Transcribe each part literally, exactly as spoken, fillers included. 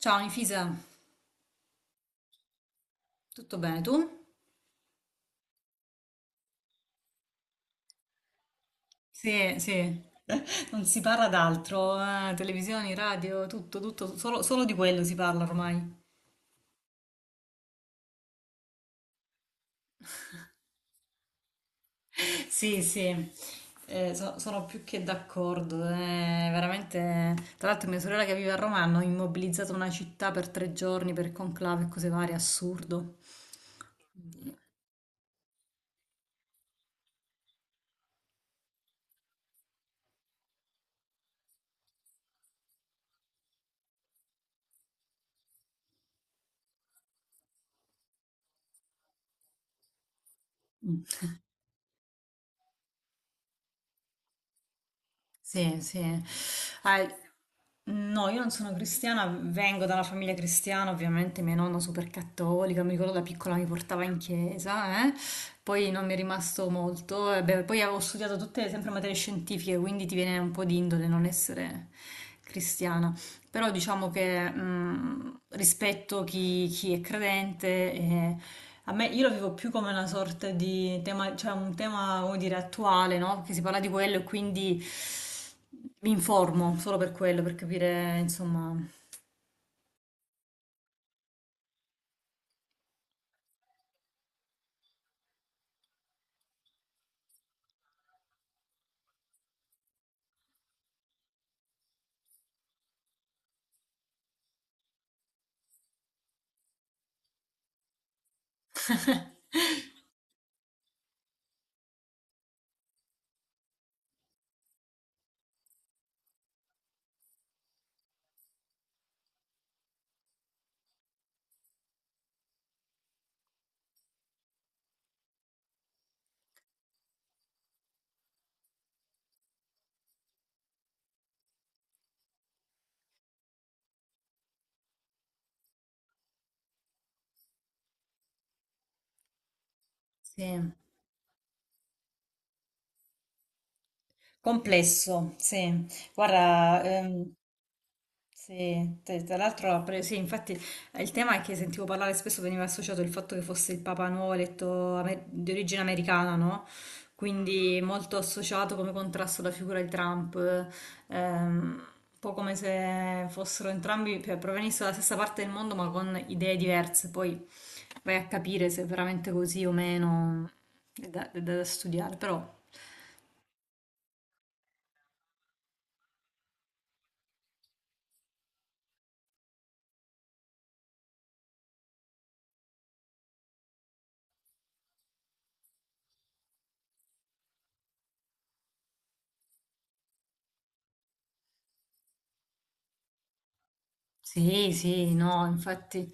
Ciao Infisa, tutto bene tu? Sì, sì, non si parla d'altro, eh, televisioni, radio, tutto, tutto, solo, solo di quello si parla ormai. Sì, sì, eh, so- sono più che d'accordo, eh, veramente. Tra l'altro mia sorella che vive a Roma hanno immobilizzato una città per tre giorni per conclave e cose varie, assurdo. Sì, sì. Ah, no, io non sono cristiana, vengo da una famiglia cristiana, ovviamente mia nonna super cattolica, mi ricordo da piccola mi portava in chiesa, eh. Poi non mi è rimasto molto, e beh, poi avevo studiato tutte sempre materie scientifiche, quindi ti viene un po' di indole non essere cristiana. Però diciamo che mh, rispetto chi, chi è credente, eh, a me io lo vivo più come una sorta di tema, cioè un tema, come dire, attuale, no? Perché si parla di quello e quindi mi informo solo per quello, per capire, insomma. Sì. Complesso, sì. Guarda, ehm, Sì, te- tra l'altro, ha pre- sì, infatti eh, il tema è che sentivo parlare spesso, veniva associato il fatto che fosse il Papa nuovo eletto amer- di origine americana, no? Quindi molto associato come contrasto alla figura di Trump, ehm, un po' come se fossero entrambi, cioè, provenissero dalla stessa parte del mondo ma con idee diverse, poi vai a capire se è veramente così o meno, è da, è da studiare, però. Sì, sì, no, infatti,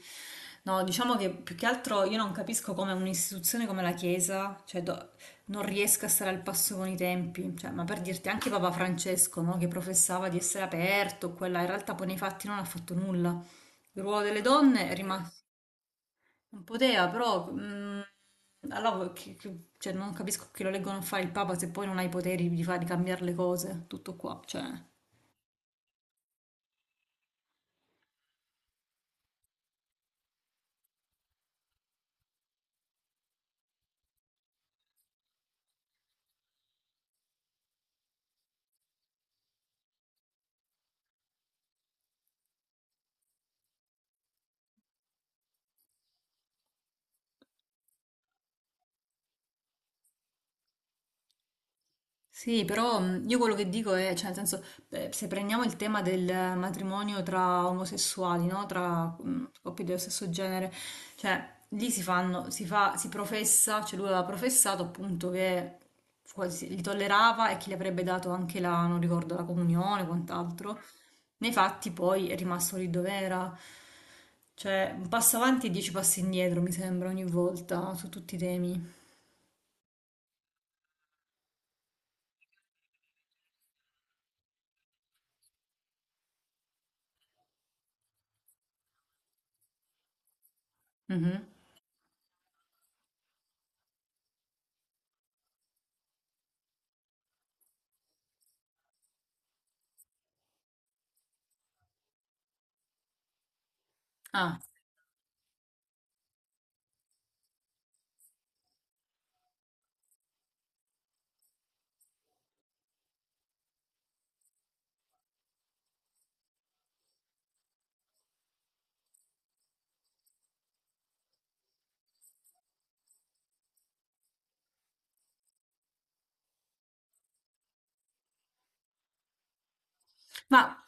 no, diciamo che più che altro io non capisco come un'istituzione come la Chiesa, cioè, do- non riesca a stare al passo con i tempi, cioè, ma per dirti anche Papa Francesco, no, che professava di essere aperto, quella, in realtà poi nei fatti non ha fatto nulla. Il ruolo delle donne è rimasto, non poteva, però, mm, allora, che- che- cioè, non capisco che lo leggono a fare il Papa se poi non ha i poteri di fare, di cambiare le cose, tutto qua, cioè. Sì, però mh, io quello che dico è, cioè, nel senso, beh, se prendiamo il tema del matrimonio tra omosessuali, no? Tra mh, coppie dello stesso genere, cioè, lì si fanno, si fa, si professa, cioè lui aveva professato appunto che quasi li tollerava e che gli avrebbe dato anche la, non ricordo, la comunione o quant'altro. Nei fatti poi è rimasto lì dove era. Cioè, un passo avanti e dieci passi indietro, mi sembra, ogni volta, su tutti i temi. Mhm. Ah. Ma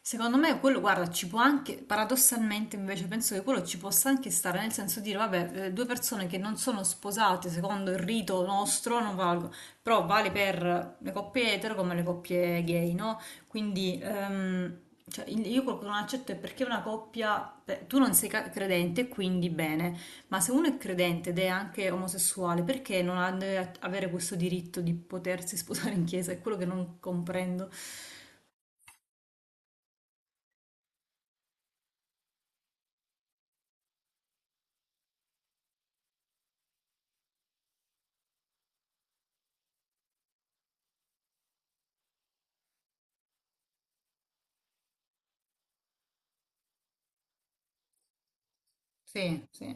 secondo me quello, guarda, ci può anche, paradossalmente invece penso che quello ci possa anche stare, nel senso dire, vabbè, eh, due persone che non sono sposate secondo il rito nostro non valgono, però vale per le coppie etero come le coppie gay, no? Quindi ehm, cioè, il- io quello che non accetto è perché una coppia, beh, tu non sei ca- credente, quindi bene, ma se uno è credente ed è anche omosessuale, perché non ha- deve avere questo diritto di potersi sposare in chiesa? È quello che non comprendo. Sì, sì.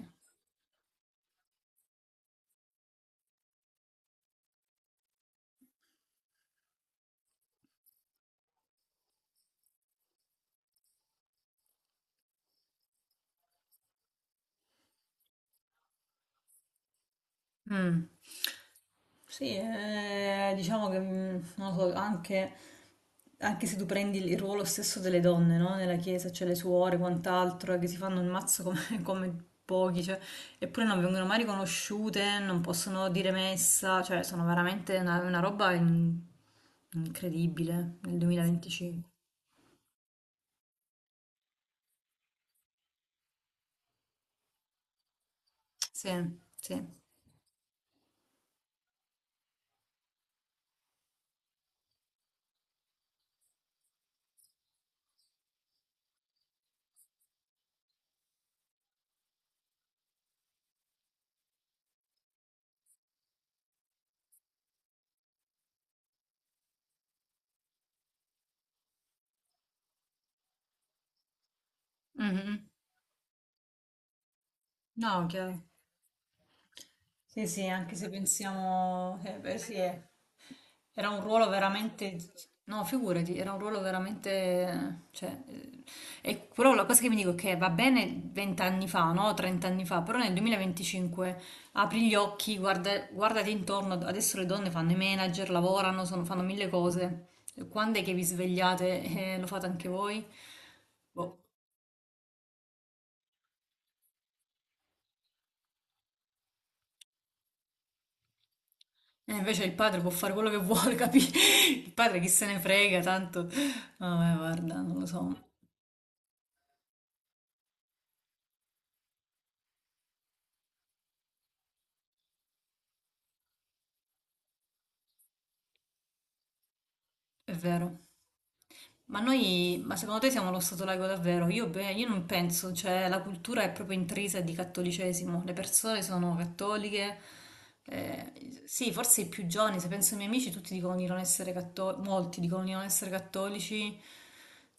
Mm. Sì, eh, diciamo che mm, non lo so, anche, anche se tu prendi il ruolo stesso delle donne, no? Nella chiesa c'è le suore, quant'altro, eh, che si fanno il mazzo come, come pochi, cioè, eppure non vengono mai riconosciute, non possono dire messa, cioè sono veramente una, una roba in- incredibile nel duemilaventicinque. Sì, sì. Mhm. No, chiaro. Sì, sì, anche se pensiamo, eh, beh, sì, è- era un ruolo veramente, no, figurati, era un ruolo veramente, cioè, eh, e però la cosa che mi dico è che va bene venti anni fa, no, trenta anni fa, però nel duemilaventicinque apri gli occhi, guarda, guardati intorno, adesso le donne fanno i manager, lavorano, sono- fanno mille cose, quando è che vi svegliate e lo fate anche voi? Boh. E invece il padre può fare quello che vuole, capito? Il padre chi se ne frega, tanto... Vabbè, guarda, non lo so, è vero. Ma noi, ma secondo te siamo lo Stato laico davvero? Io, beh, io non penso, cioè la cultura è proprio intrisa di cattolicesimo, le persone sono cattoliche, eh, sì, forse i più giovani, se penso ai miei amici, tutti dicono di non essere cattolici, molti dicono di non essere cattolici,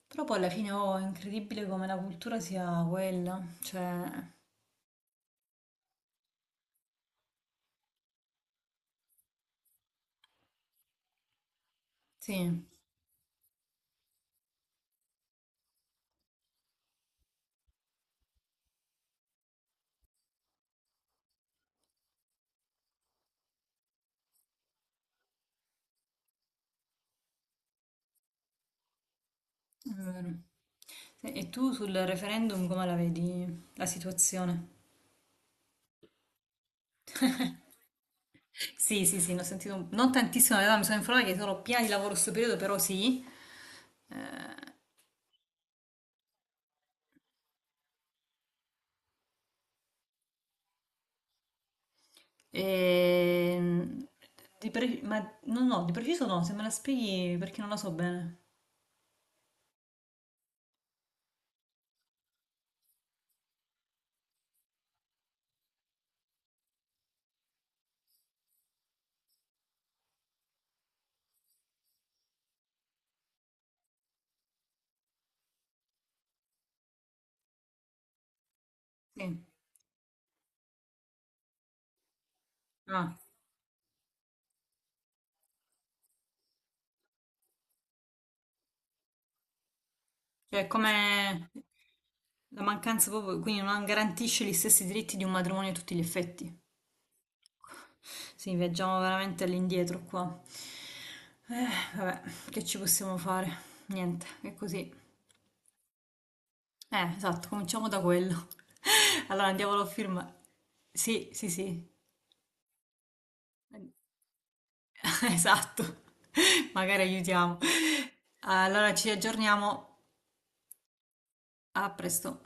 però poi alla fine oh, è incredibile come la cultura sia quella, cioè, sì. È vero. Sì, e tu sul referendum come la vedi la situazione? Sì, sì, sì, ne ho sentito non tantissimo, in realtà mi sono informata che sono piena di lavoro in questo periodo, però sì. Eh, ehm, di pre- ma no, no, di preciso no, se me la spieghi perché non la so bene. Sì. Ah, cioè come la mancanza proprio, quindi non garantisce gli stessi diritti di un matrimonio a tutti gli effetti. Sì, viaggiamo veramente all'indietro qua. Eh, vabbè, che ci possiamo fare? Niente, è così. Eh, esatto, cominciamo da quello. Allora andiamolo a firmare. Sì, sì, sì. Esatto. Magari aiutiamo. Allora ci aggiorniamo. A presto.